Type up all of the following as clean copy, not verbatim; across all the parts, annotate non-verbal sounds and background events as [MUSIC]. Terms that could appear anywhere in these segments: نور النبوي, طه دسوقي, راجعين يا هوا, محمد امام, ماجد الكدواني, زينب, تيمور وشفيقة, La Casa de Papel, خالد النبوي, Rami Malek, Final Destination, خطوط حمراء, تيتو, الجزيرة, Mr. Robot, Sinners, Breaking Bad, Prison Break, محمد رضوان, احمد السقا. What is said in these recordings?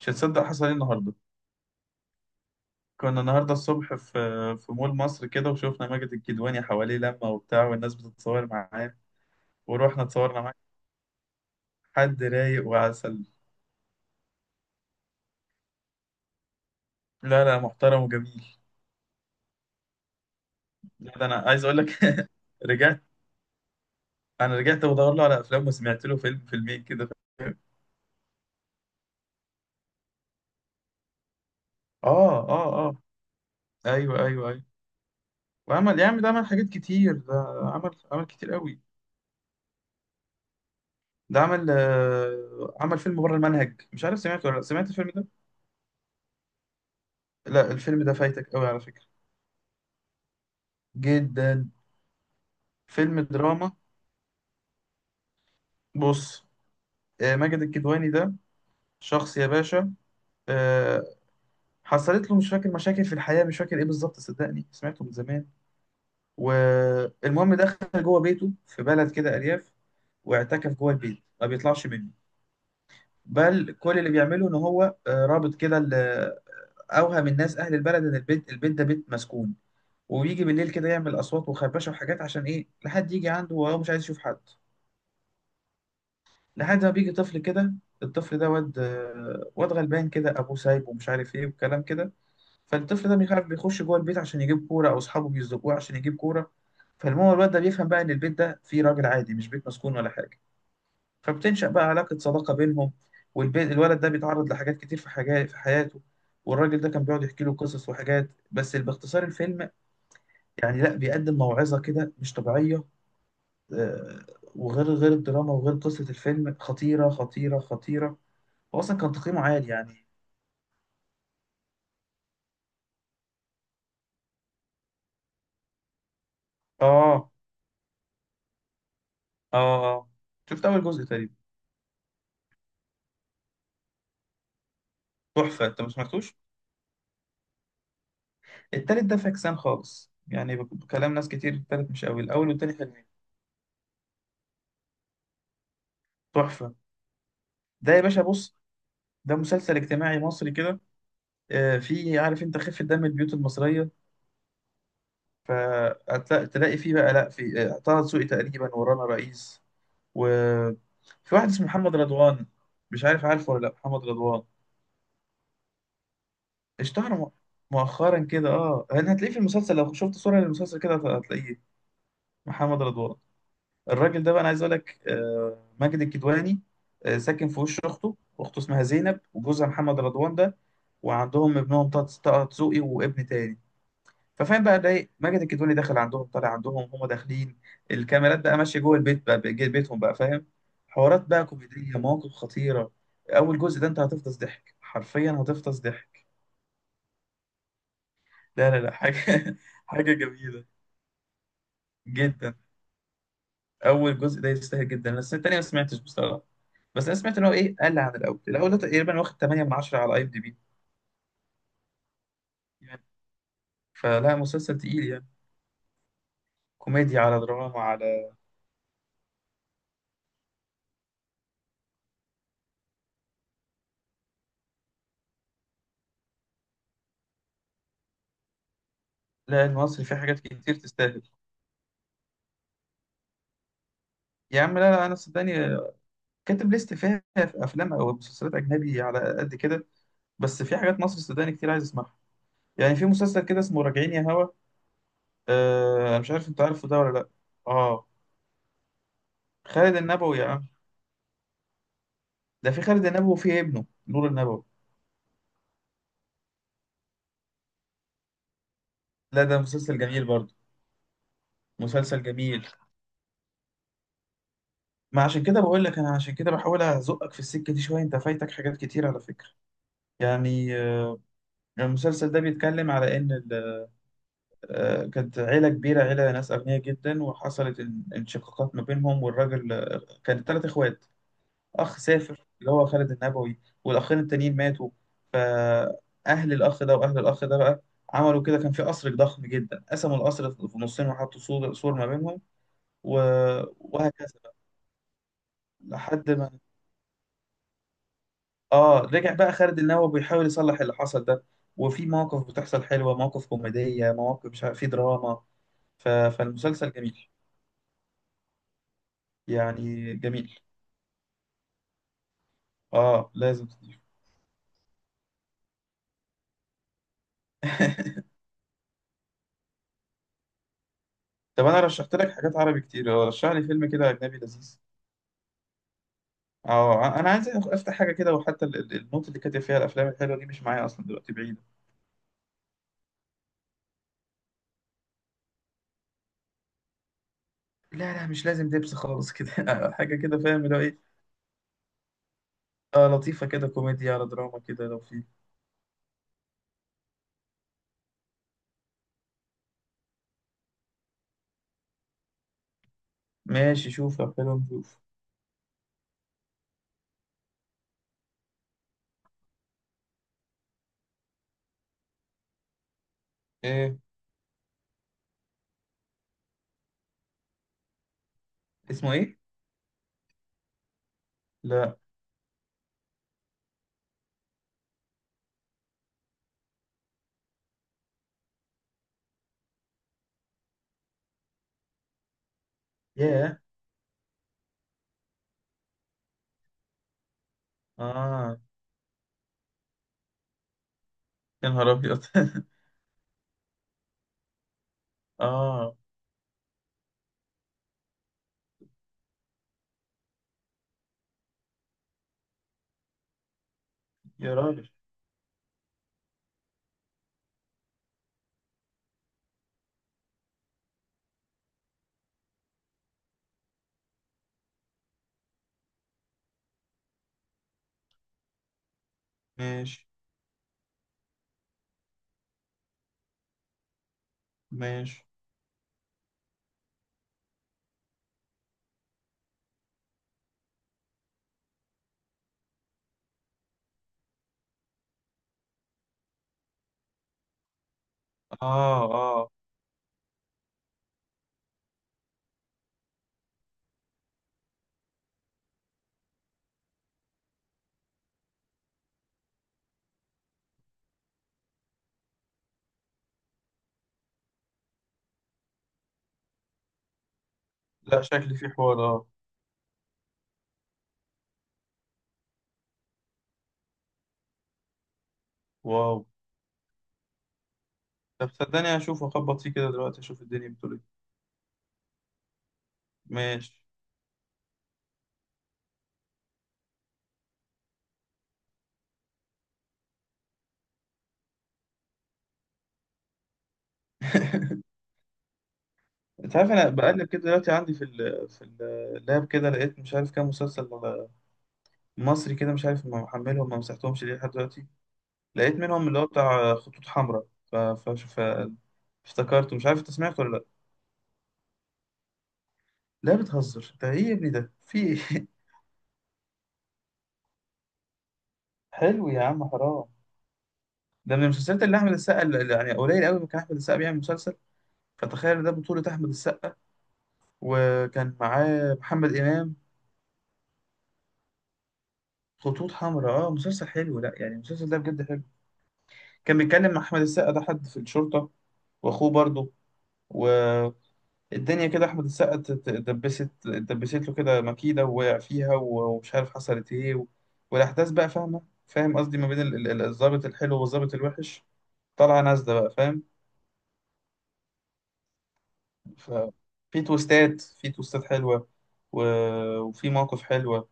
مش هتصدق حصل ايه النهارده. كنا النهارده الصبح في مول مصر كده، وشفنا ماجد الكدواني حواليه لمة وبتاع، والناس بتتصور معاه. ورحنا اتصورنا معاه. حد رايق وعسل. لا، لا، محترم وجميل. لا ده انا عايز اقول لك. [LAUGHS] رجعت انا رجعت بدور له على افلام، وسمعت له فيلم فيلمين كده. اه، اه، اه. ايوه، ايوه، ايوه. وعمل يا عم، ده عمل حاجات كتير. ده عمل كتير قوي. ده عمل فيلم بره المنهج، مش عارف سمعته ولا لا، سمعت الفيلم ده؟ لا، الفيلم ده فايتك قوي على فكرة، جدا. فيلم دراما. بص، ماجد الكدواني ده شخص يا باشا. آه، حصلت له مش فاكر مشاكل في الحياة، مش فاكر ايه بالظبط، صدقني سمعته من زمان. والمهم دخل جوه بيته في بلد كده، أرياف، واعتكف جوه البيت ما بيطلعش منه. بل كل اللي بيعمله ان هو رابط كده اوهم الناس اهل البلد ان البيت ده بيت مسكون. وبيجي بالليل كده يعمل اصوات وخربشه وحاجات، عشان ايه؟ لحد يجي عنده، وهو مش عايز يشوف حد. لحد ما بيجي طفل كده، الطفل ده واد غلبان كده، ابوه سايبه ومش عارف ايه والكلام كده. فالطفل ده بيخاف بيخش جوه البيت عشان يجيب كوره، او اصحابه بيزقوه عشان يجيب كوره. فالمهم الواد ده بيفهم بقى ان البيت ده فيه راجل عادي، مش بيت مسكون ولا حاجه. فبتنشأ بقى علاقه صداقه بينهم. والبيت الولد ده بيتعرض لحاجات كتير، في حاجات في حياته. والراجل ده كان بيقعد يحكي له قصص وحاجات. بس باختصار الفيلم يعني لا، بيقدم موعظه كده مش طبيعيه. آه، وغير غير الدراما، وغير قصه الفيلم، خطيره خطيره خطيره. هو اصلا كان تقييمه عالي يعني. اه، اه، اه. شفت اول جزء تقريبا. تحفه، انت ما سمعتوش. التالت ده فاكسان خالص، يعني بكلام ناس كتير التالت مش قوي، الاول والتاني حلوين. تحفه. ده يا باشا، بص، ده مسلسل اجتماعي مصري كده. فيه، عارف انت خفه دم البيوت المصريه. فتلاقي فيه بقى، لا، في طه دسوقي تقريبا، ورانا رئيس، وفي واحد اسمه محمد رضوان. مش عارف عارفه ولا لا محمد رضوان. اشتهر مؤخرا كده، اه يعني، هتلاقيه في المسلسل. لو شفت صورة للمسلسل كده هتلاقيه، محمد رضوان. الراجل ده بقى، انا عايز اقول لك، ماجد الكدواني ساكن في وش اخته اسمها زينب، وجوزها محمد رضوان ده، وعندهم ابنهم طه دسوقي وابن تاني. ففاهم بقى ده إيه؟ ماجد الكدواني داخل عندهم طالع عندهم، هم داخلين، الكاميرات بقى ماشيه جوه البيت بقى، جوه بيتهم بقى، فاهم. حوارات بقى كوميديه، مواقف خطيره. اول جزء ده انت هتفطس ضحك، حرفيا هتفطس ضحك. لا، لا، لا، حاجة [LAUGHS] حاجة جميلة، جدا. أول جزء ده يستاهل جدا، بس التاني ما سمعتش بصراحة. بس أنا سمعت إن هو إيه، قل عن الأول ده تقريبا واخد 8 من 10 على IMDB يعني. فلا، مسلسل تقيل يعني، كوميديا على دراما على. لا، المصري فيه حاجات كتير تستاهل، يا عم. لا، لا، أنا صدقني كاتب ليست فيها في أفلام أو مسلسلات أجنبي على قد كده، بس في حاجات مصري صدقني كتير عايز أسمعها. يعني في مسلسل كده اسمه راجعين يا هوا. أنا مش عارف أنت عارفه ده ولا لأ. آه. خالد النبوي يا عم. ده في خالد النبوي وفي ابنه نور النبوي. لا، ده مسلسل جميل برضه، مسلسل جميل. ما عشان كده بقول لك، انا عشان كده بحاول ازقك في السكه دي شويه، انت فايتك حاجات كتير على فكره. يعني المسلسل ده بيتكلم على ان كانت عيله كبيره، عيله ناس اغنياء جدا. وحصلت انشقاقات ما بينهم، والراجل كان ثلاث اخوات. اخ سافر اللي هو خالد النبوي، والاخين التانيين ماتوا. فاهل الاخ ده واهل الاخ ده بقى عملوا كده، كان في قصر ضخم جدا، قسموا القصر في نصين وحطوا سور سور ما بينهم. و... وهكذا بقى. لحد ما، اه، رجع بقى خالد النبوي بيحاول يصلح اللي حصل ده. وفي مواقف بتحصل حلوة، مواقف كوميدية، مواقف مش عارف في دراما. فالمسلسل جميل يعني، جميل. اه لازم تضيفه. [LAUGHS] طب انا رشحت لك حاجات عربي كتير، رشح لي فيلم كده اجنبي لذيذ. اه، انا عايز افتح حاجه كده. وحتى النوت اللي كاتب فيها الافلام الحلوه دي مش معايا اصلا دلوقتي، بعيده. لا، لا، مش لازم دبس خالص كده. [LAUGHS] حاجه كده فاهم اللي هو ايه. اه، لطيفه كده، كوميديا على دراما كده لو في. ماشي شوف، طب حلو، نشوف. ايه؟ اسمه ايه؟ لا. ياه. اه. يا نهار ابيض. [LAUGHS] اه. يا راجل. ماشي، ماشي. اه، اه. لا، شكلي في حوار، اه. واو. طب صدقني هشوف اخبط فيه كده دلوقتي، اشوف الدنيا بتقول ايه. ماشي. [LAUGHS] انت عارف انا بقلب كده دلوقتي عندي في اللاب كده، لقيت مش عارف كام مسلسل مصري كده، مش عارف ما محملهم ما مسحتهمش ليه لحد دلوقتي. لقيت منهم اللي هو بتاع خطوط حمراء. افتكرته، مش عارف انت سمعته ولا لا؟ لا، بتهزر، ده ايه يا ابني ده، في ايه؟ [LAUGHS] حلو يا عم، حرام. ده من المسلسلات اللي احمد السقا، اللي يعني قليل قوي ما كان احمد السقا بيعمل مسلسل، فتخيل ده بطولة احمد السقا وكان معاه محمد امام. خطوط حمراء، اه مسلسل حلو، لا يعني المسلسل ده بجد حلو. كان بيتكلم مع احمد السقا ده حد في الشرطة، واخوه برضه. الدنيا كده، احمد السقا اتدبست له كده مكيده ووقع فيها، ومش عارف حصلت ايه والاحداث بقى، فاهمه، فاهم قصدي، ما بين الضابط الحلو والضابط الوحش، طالعه نازله بقى، فاهم. ففي تويستات، في تويستات حلوه و... وفي مواقف حلوه.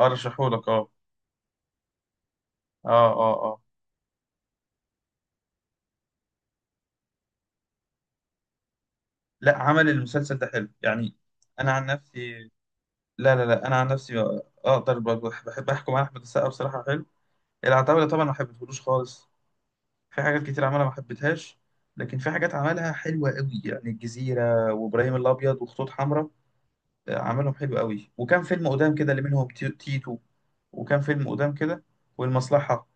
ارشحه لك، اه. اه، اه، اه. لا، عمل المسلسل ده حلو يعني، انا عن نفسي. لا، لا، لا، انا عن نفسي اقدر بحب احكم على احمد السقا بصراحه حلو. العتاوله طبعا ما حبيتهولوش خالص، في حاجات كتير عملها ما حبيتهاش. لكن في حاجات عملها حلوة قوي يعني الجزيرة وإبراهيم الأبيض وخطوط حمراء. عملهم حلو قوي. وكان فيلم قدام كده اللي منهم تيتو. وكان فيلم قدام كده، والمصلحة.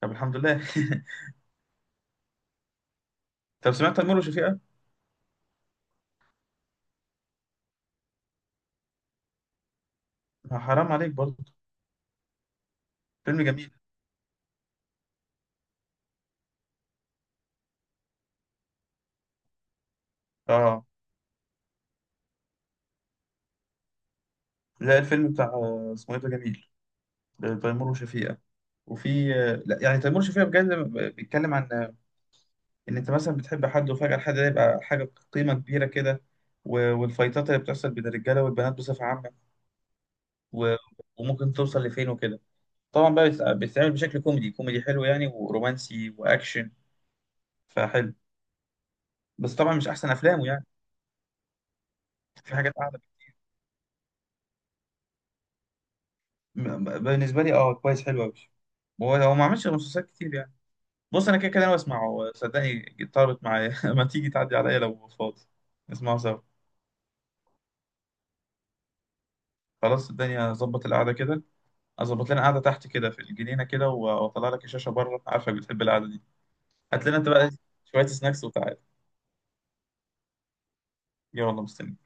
طب الحمد لله. [LAUGHS] طب سمعت تيمور وشفيقة؟ حرام عليك برضه. فيلم جميل. اه، لا الفيلم بتاع اسمه ايه ده، جميل. تيمور وشفيقة. وفي لا يعني تيمور وشفيقة بجد بيتكلم عن ان انت مثلا بتحب حد، وفجأة الحد ده يبقى حاجة قيمة كبيرة كده. والفايتات اللي بتحصل بين الرجالة والبنات بصفة عامة، و- وممكن توصل لفين وكده. طبعا بقى بتتعمل بشكل كوميدي، كوميدي حلو يعني، ورومانسي واكشن، فحلو. بس طبعا مش احسن افلامه يعني، في حاجات اعلى. بالنسبة لي اه كويس، حلو قوي. هو هو ما عملش غير مسلسلات كتير يعني. بص، انا كده كده انا بسمعه صدقني، طلبت معايا. [LAUGHS] ما تيجي تعدي عليا لو فاضي، نسمعه سوا. خلاص الدنيا ظبط، القعدة كده، اظبط لنا قاعده تحت كده في الجنينه كده، واطلع لك الشاشه بره، عارفك بتحب القعده دي. هات لنا انت بقى شويه سناكس وتعالى. يلا مستني.